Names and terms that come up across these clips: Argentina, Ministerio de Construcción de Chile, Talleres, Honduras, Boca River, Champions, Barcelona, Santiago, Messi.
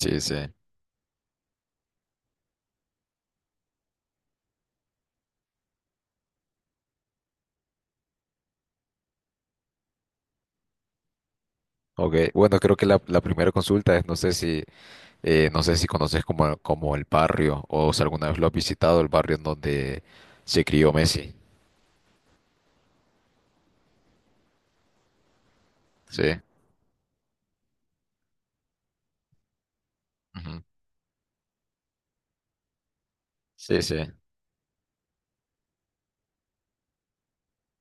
Sí, sí. Ok, bueno, creo que la primera consulta es, no sé si, no sé si conoces como, como el barrio o si alguna vez lo has visitado, el barrio en donde se crió Messi. Sí. Ujú. Sí, sí,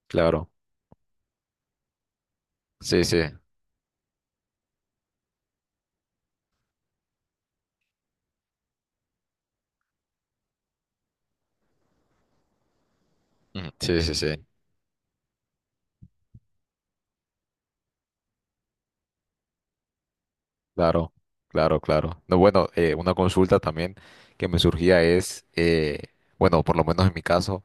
claro. Sí, sí. Ujú. Sí, sí, sí. Claro, claro, claro. No, bueno, una consulta también que me surgía es, bueno, por lo menos en mi caso,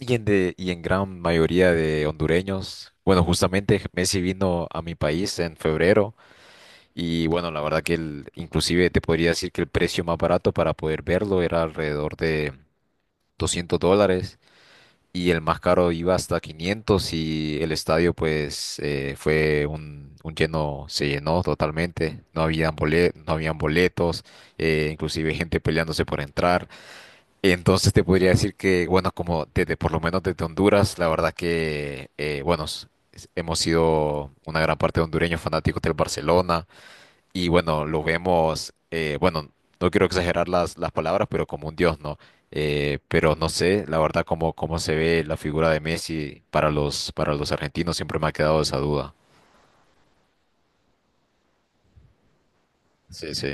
y en gran mayoría de hondureños, bueno, justamente Messi vino a mi país en febrero. Y bueno, la verdad que el, inclusive te podría decir que el precio más barato para poder verlo era alrededor de $200 y el más caro iba hasta 500 y el estadio pues fue un lleno, se llenó totalmente, no habían boletos, inclusive gente peleándose por entrar. Entonces te podría decir que, bueno, como desde, por lo menos desde Honduras, la verdad que, bueno, hemos sido una gran parte de hondureños fanáticos del Barcelona y bueno, lo vemos, bueno, no quiero exagerar las palabras, pero como un dios, ¿no? Pero no sé, la verdad, cómo, cómo se ve la figura de Messi para los argentinos, siempre me ha quedado esa duda. Sí, sí,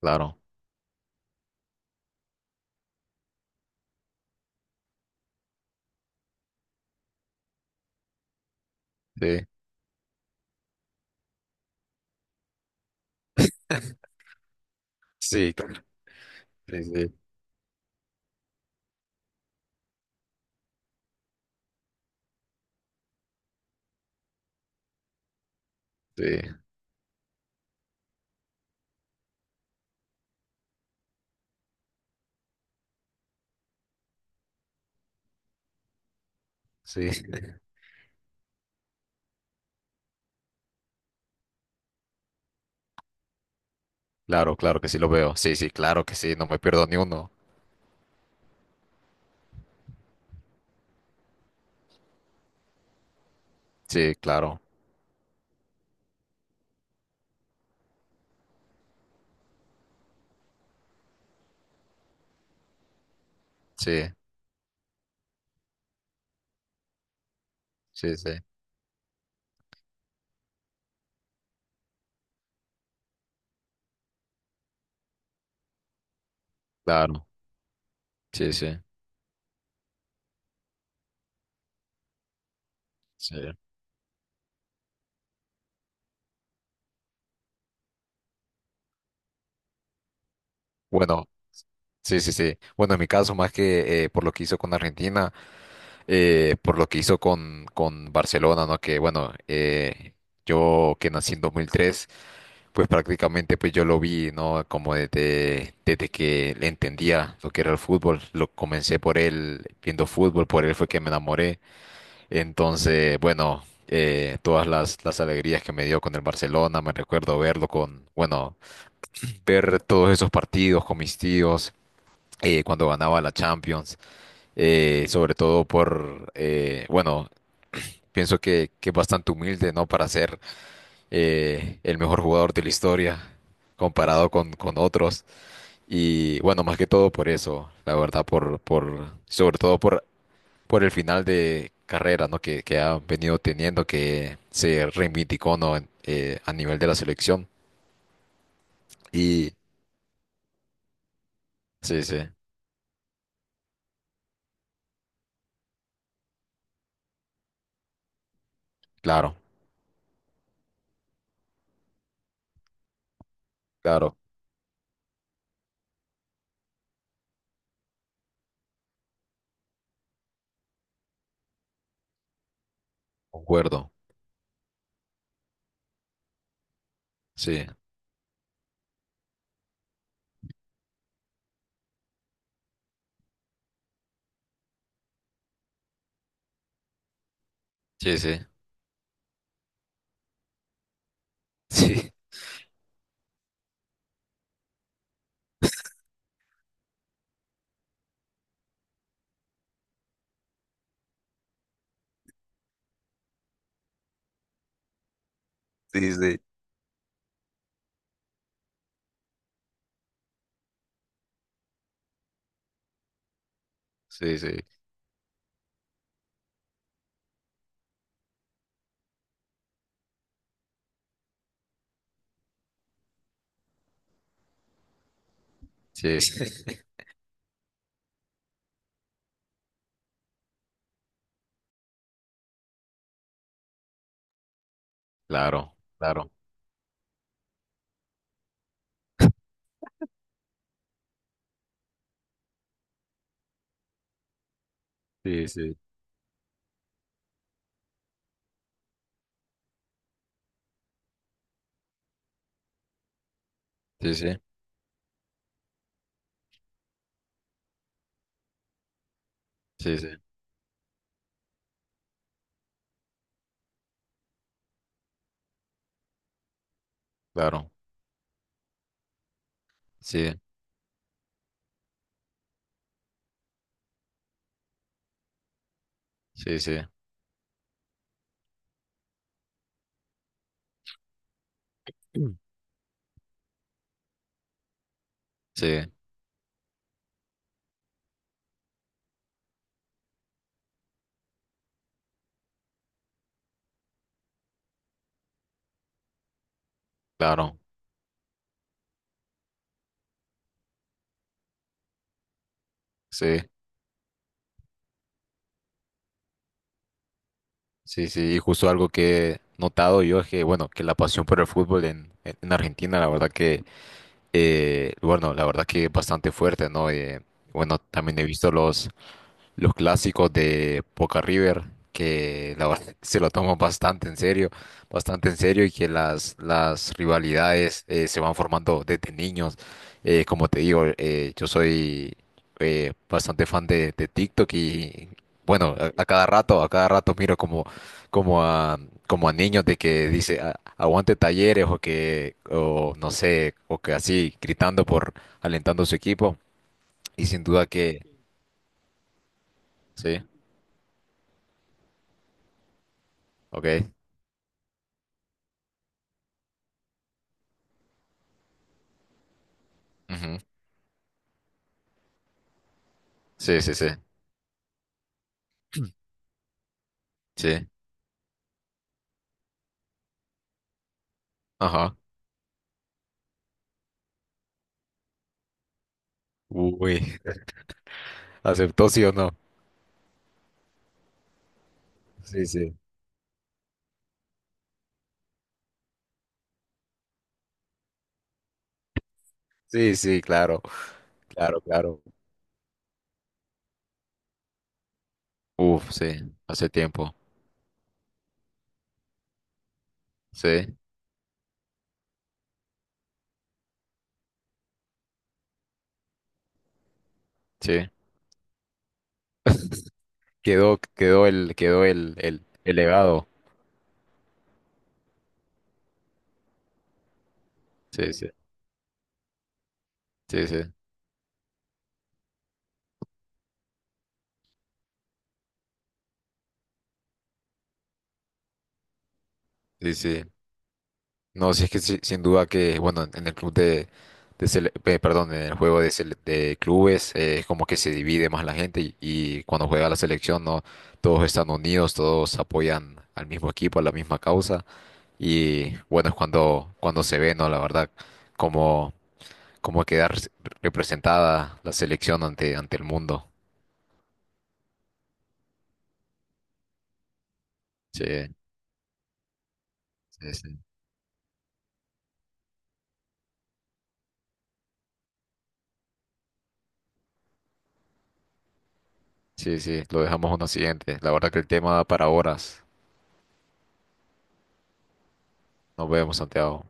claro. Sí, sí, claro. Sí, sí, sí, sí. Claro, claro que sí lo veo. Sí, sí, claro que sí, no me pierdo ni uno. Sí, claro. Sí, sí, sí, claro. Sí, sí, sí. Bueno, sí, sí, sí. Bueno, en mi caso, más que por lo que hizo con Argentina, por lo que hizo con Barcelona, ¿no? Que bueno, yo que nací en 2003 pues prácticamente pues yo lo vi, ¿no? Como desde, desde que le entendía lo que era el fútbol, lo comencé por él viendo fútbol, por él fue que me enamoré. Entonces, bueno, todas las alegrías que me dio con el Barcelona, me recuerdo verlo con, bueno, ver todos esos partidos con mis tíos cuando ganaba la Champions, sobre todo por, bueno, pienso que es bastante humilde, ¿no? Para ser el mejor jugador de la historia comparado con otros. Y bueno, más que todo por eso, la verdad, por, sobre todo por el final de carrera, ¿no? Que ha venido teniendo, que se reivindicó, ¿no? A nivel de la selección. Y sí, sí, claro, claro, concuerdo. Sí, sí, sí. Sí, sí, sí. Sí, sí, sí, claro, claro. Sí, sí, sí, sí, sí, sí, claro. Sí, sí, sí, mm, sí, claro. Sí, sí, sí. Y justo algo que he notado yo es que, bueno, que la pasión por el fútbol en Argentina, la verdad que, bueno, la verdad que es bastante fuerte, ¿no? Bueno, también he visto los clásicos de Boca River, que la verdad se lo toman bastante en serio y que las rivalidades se van formando desde niños. Como te digo, yo soy bastante fan de TikTok y bueno, a cada rato miro como, como a, como a niños de que dice aguante Talleres o que, o no sé, o que así gritando por alentando a su equipo y sin duda que, sí, ok. Ujú. Sí, sí, sí. Sí. Ajá. Uy. ¿Aceptó sí o no? Sí, sí. Sí, sí, claro. Claro, claro. Uf, sí. Hace tiempo. Sí, sí. Quedó, quedó el, quedó el legado. Sí, sí. Sí, sí. Sí, sí. No, sí es que sí, sin duda que, bueno, en el club de, perdón, en el juego de, de clubes es como que se divide más la gente y cuando juega la selección, no, todos están unidos, todos apoyan al mismo equipo, a la misma causa. Y bueno, es cuando, cuando se ve, ¿no? La verdad, cómo, cómo queda representada la selección ante, ante el mundo. Sí, sí, sí. Sí, sí, lo dejamos a una siguiente. La verdad que el tema da para horas. Nos vemos, Santiago.